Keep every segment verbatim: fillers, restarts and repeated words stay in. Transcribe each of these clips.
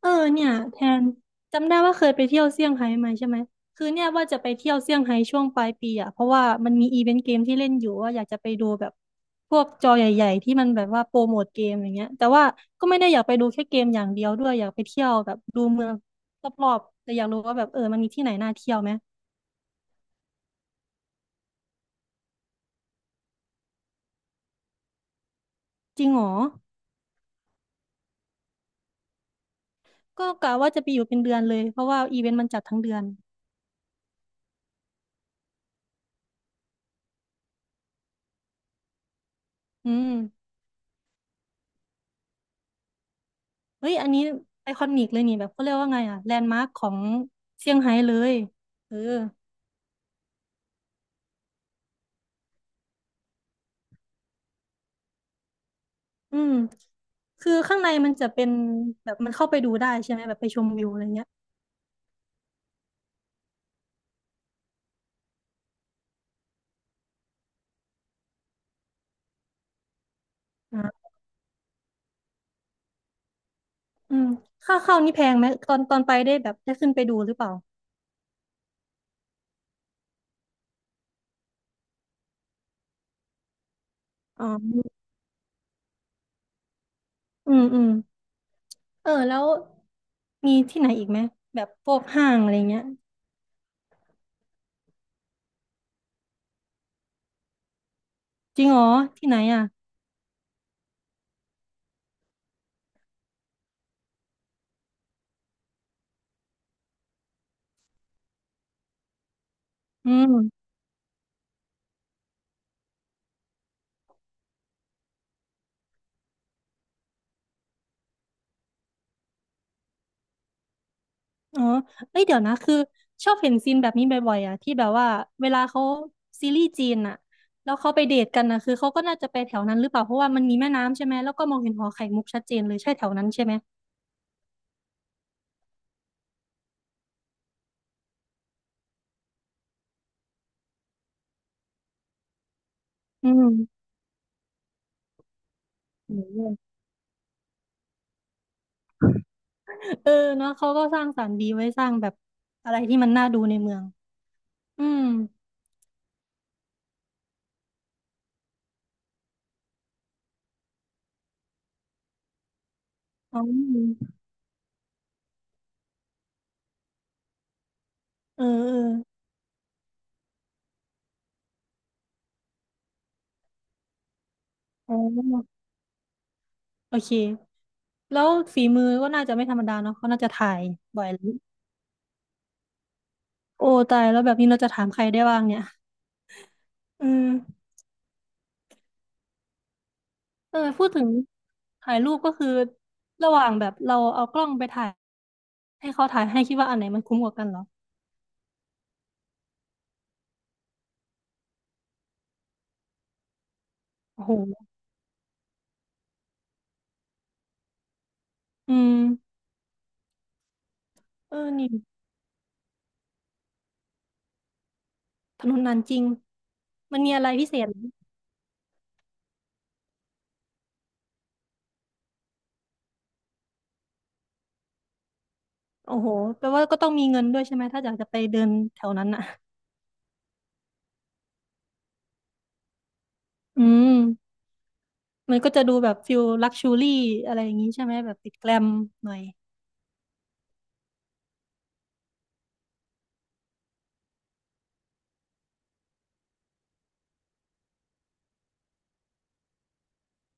เออเนี่ยแทนจำได้ว่าเคยไปเที่ยวเซี่ยงไฮ้มาใช่ไหมคือเนี่ยว่าจะไปเที่ยวเซี่ยงไฮ้ช่วงปลายปีอ่ะเพราะว่ามันมีอีเวนต์เกมที่เล่นอยู่ว่าอยากจะไปดูแบบพวกจอใหญ่ๆที่มันแบบว่าโปรโมทเกมอย่างเงี้ยแต่ว่าก็ไม่ได้อยากไปดูแค่เกมอย่างเดียวด้วยอยากไปเที่ยวแบบดูเมืองรอบๆแต่อยากรู้ว่าแบบเออมันมีที่ไหนน่าเที่ยวไหมจริงเหรอก็กะว่าจะไปอยู่เป็นเดือนเลยเพราะว่าอีเวนต์มันจัดทั้งเดือนอืมเฮ้ยอันนี้ไอคอนิกเลยนี่แบบเขาเรียกว่าไงอ่ะแลนด์มาร์คของเซี่ยงไฮ้เลยเออ อืมคือข้างในมันจะเป็นแบบมันเข้าไปดูได้ใช่ไหมแบบไปชมวิวอะไรเงี้ยอ่าอืมค่าเข้านี่แพงไหมตอนตอนไปได้แบบได้ขึ้นไปดูหรือเปล่าอ๋ออืมอืมเออแล้วมีที่ไหนอีกไหมแบบพวกห้างอะไรเงี้ยจริงเหรอที่ไหนอ่ะอืมอ๋อเอ้ยเดี๋ยวนะคือชอบเห็นซีนแบบนี้บ่อยๆอ่ะที่แบบว่าเวลาเขาซีรีส์จีนอ่ะแล้วเขาไปเดทกันนะคือเขาก็น่าจะไปแถวนั้นหรือเปล่าเพราะว่ามันมีแม่น้ำใช่ไหมแล้วก็มองเห็นหอไข่มุกชัดเจนเลยใช่แถวนั้นใช่ไหมอืม อืมเออเนาะเขาก็สร้างสรรค์ดีไว้สร้างแบบอะไรที่มันน่าดูในเมืองอืมอ๋อเออเอออ๋อโอเคแล้วฝีมือก็น่าจะไม่ธรรมดาเนาะเขาน่าจะถ่ายบ่อยเลยโอ้ตายแล้วแบบนี้เราจะถามใครได้บ้างเนี่ยอืมเออพูดถึงถ่ายรูปก็คือระหว่างแบบเราเอากล้องไปถ่ายให้เขาถ่ายให้คิดว่าอันไหนมันคุ้มกว่ากันเหรอโอ้โหอืมเออนี่ถนนนานจริงมันมีอะไรพิเศษ โอ้โหแปลว่าก็ต้องมีเงินด้วยใช่ไหม ถ้าอยากจะไปเดินแถวนั้นอ่ะ อืม มันก็จะดูแบบฟิลลักชูรี่อะไรอย่างนี้ใช่ไหม แบบติดแกลมหน่อย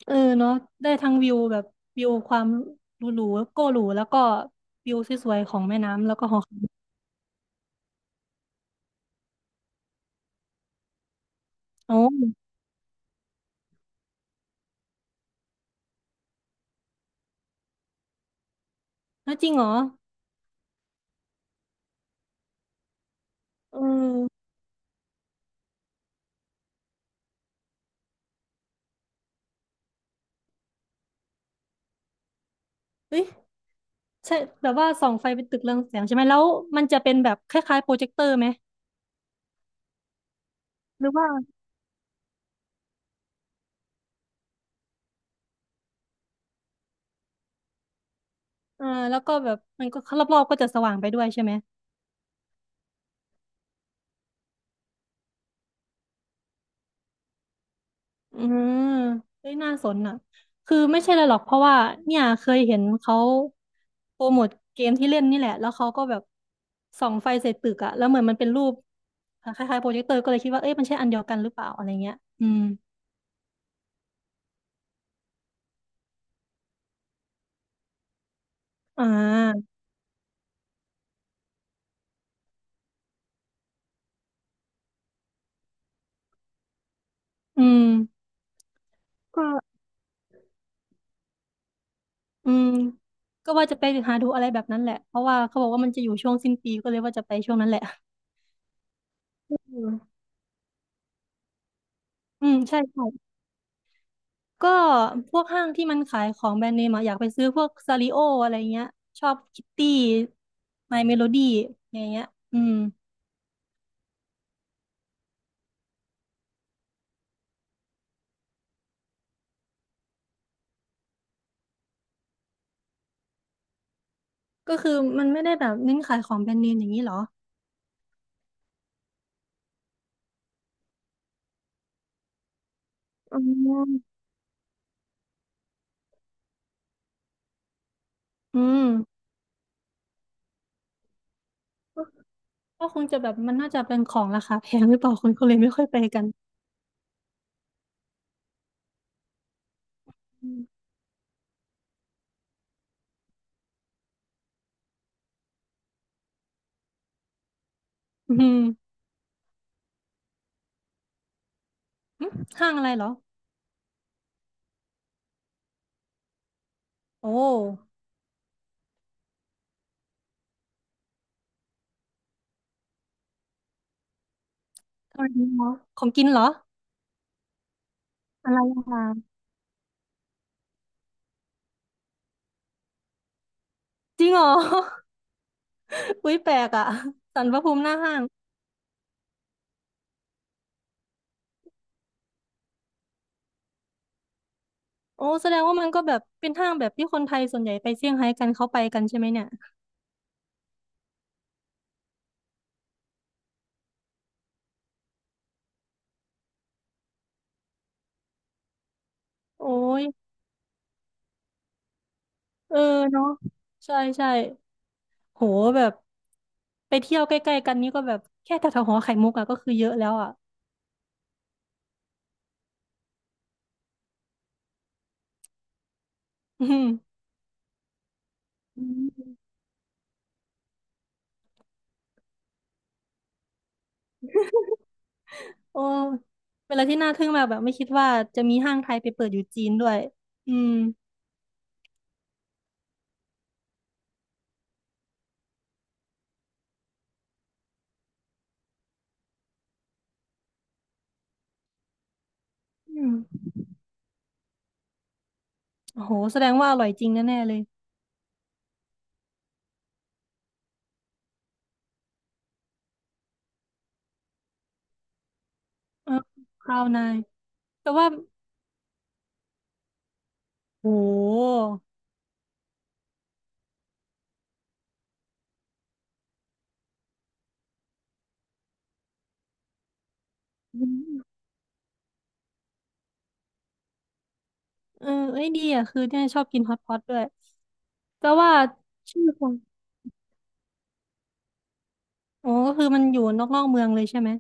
เออเนาะได้ทั้งวิวแบบวิวความหรูๆโก้หรูแล้วก็วิวสวยๆของแม่น้ำแล้วก็หอคอยโอ้แล้วจริงเหรอเออเอ้ยใช่แบบว่าส่องไฟเป็นตึกเรืองแสงใช่ไหม แล้วมันจะเป็นแบบคล้ายๆโปรเจคเตอร์ไหมหรือว่าเออแล้วก็แบบมันก็รอบๆก็จะสว่างไปด้วยใช่ไหม อืมเฮ้ยน่าสนอ่ะคือไม่ใช่เลยหรอกเพราะว่าเนี่ยเคยเห็นเขาโปรโมทเกมที่เล่นนี่แหละแล้วเขาก็แบบส่องไฟใส่ตึกอะแล้วเหมือนมันเป็นรูปคล้ายๆโปรเจคเตอร์ก็เลยคิดว่าเอ้ยมันใช่อันเดียวกันหรือเปล่าอะไรเงี้ยอืมอ่าอืมก็อืมก็ว่าจะไปหาดูอะไรแบบนั้นแหละเพราะว่าเขาบอกว่ามันจะอยู่ช่วงสิ้นปีก็เลยว่าจะไปช่วงนั้นแหละอืมอืมใช่ใช่ ก็พวกห้างที่มันขายของแบรนด์เนมอะอยากไปซื้อพวกซาริโออะไรเงี้ยชอบคิตตี้ไมเมโลดี้อย่างเงี้ยอืมก็คือมันไม่ได้แบบเน้นขายของแบรนด์เนมอย่างนี้เหรออ๋ออืมก็ก็คงจะแบบมันน่าจะเป็นของราคาแพงหรือเปล่าคนก็เลยไม่ค่อยไปกันอืมอืมหึห้างอะไรเหรอโอ้ทำไมดีเหรอของกินเหรออะไรอะะจริงเหรอ อุ๊ยแปลกอ่ะสันประภูมิหน้าห้าง โอ้แสดงว่ามันก็แบบเป็นห้างแบบที่คนไทยส่วนใหญ่ไปเซี่ยงไฮ้กันเขาไปกันใช่ไหมเนี่ยโอ้ยเออเนาะใช่ใช่โหแบบไปเที่ยวใกล้ๆกันนี่ก็แบบแค่แถวๆหอไข่มุกอะก็คือเยอะแล้วอะอืมอืมโอ้เป็นอะไรที่น่าทึ่งมากแบบไม่คิดว่าจะมีห้างไทยไปเปิดอยู่จีนด้วยอืมอืมโหแสดงว่าอร่อยจริงแน่ๆเลยเออคราวนายแต่ว่าโหอืมเออเอ้ยดีอ่ะคือเนี่ยชอบกินฮอตพอตด้วย แต่ว่าชื่อของอ๋อก็คือมันอยู่นอกนอกเมืองเลยใช่ไหม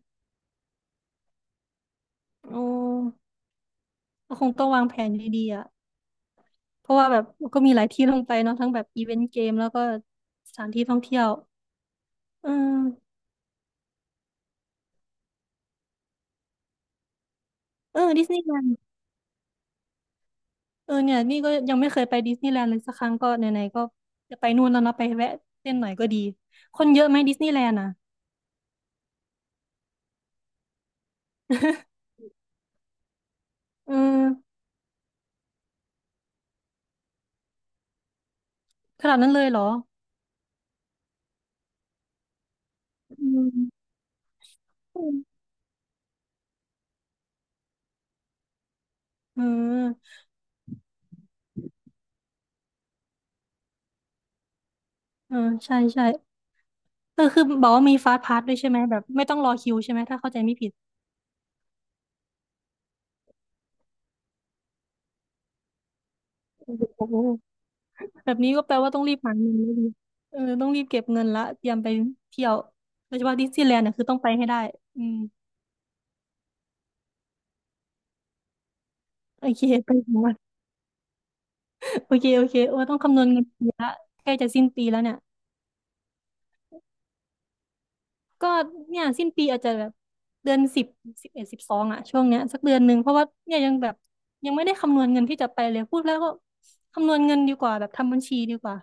โอ้ก็คงต้องวางแผนดีๆอ่ะเพราะว่าแบบก็มีหลายที่ลงไปเนาะทั้งแบบอีเวนต์เกมแล้วก็สถานที่ท่องเที่ยวเออเออดิสนีย์แลนด์เออเนี่ยนี่ก็ยังไม่เคยไปดิสนีย์แลนด์เลยสักครั้งก็ไหนๆก็จะไปนู่นแล้วเนาะไปแวะเล่นหน่อยก็ดีคนเยอะไหมดิสนีย์แลนด์อ่ะ เออขนาดนั้นเลยเหรออืมเออเออใช่ใช่เออคือบอกว่ามีฟาสต์พาสด้วยใช่ไหมแบบไม่ต้องรอคิวใช่ไหมถ้าเข้าใจไม่ผิด โอ้โหแบบนี้ก็แปลว่าต้องรีบหาเงินแล้วดิเออต้องรีบเก็บเงินละเตรียมไปเที่ยวโดยเฉพาะดิสนีย์แลนด์เนี่ยคือต้องไปให้ได้อืมโอเคไปถึงวัน โอเคโอเคโอ้ต้องคำนวณเงินปีละใกล้จะสิ้นปีแล้วเนี่ยก็เนี่ยสิ้นปีอาจจะแบบเดือนสิบสิบเอ็ดสิบสองอะช่วงเนี้ยสักเดือนหนึ่งเพราะว่าเนี่ยยังแบบยังไม่ได้คำนวณเงินที่จะไปเลยพูดแล้วก็คำนวณเงินดีกว่าแบบทำบัญชีดีกว่า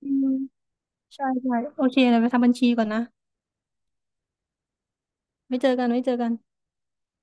อืมใช่ใช่โอเคเรไปทำบัญชีก่อนนะไม่เจอกันไม่เจอกัน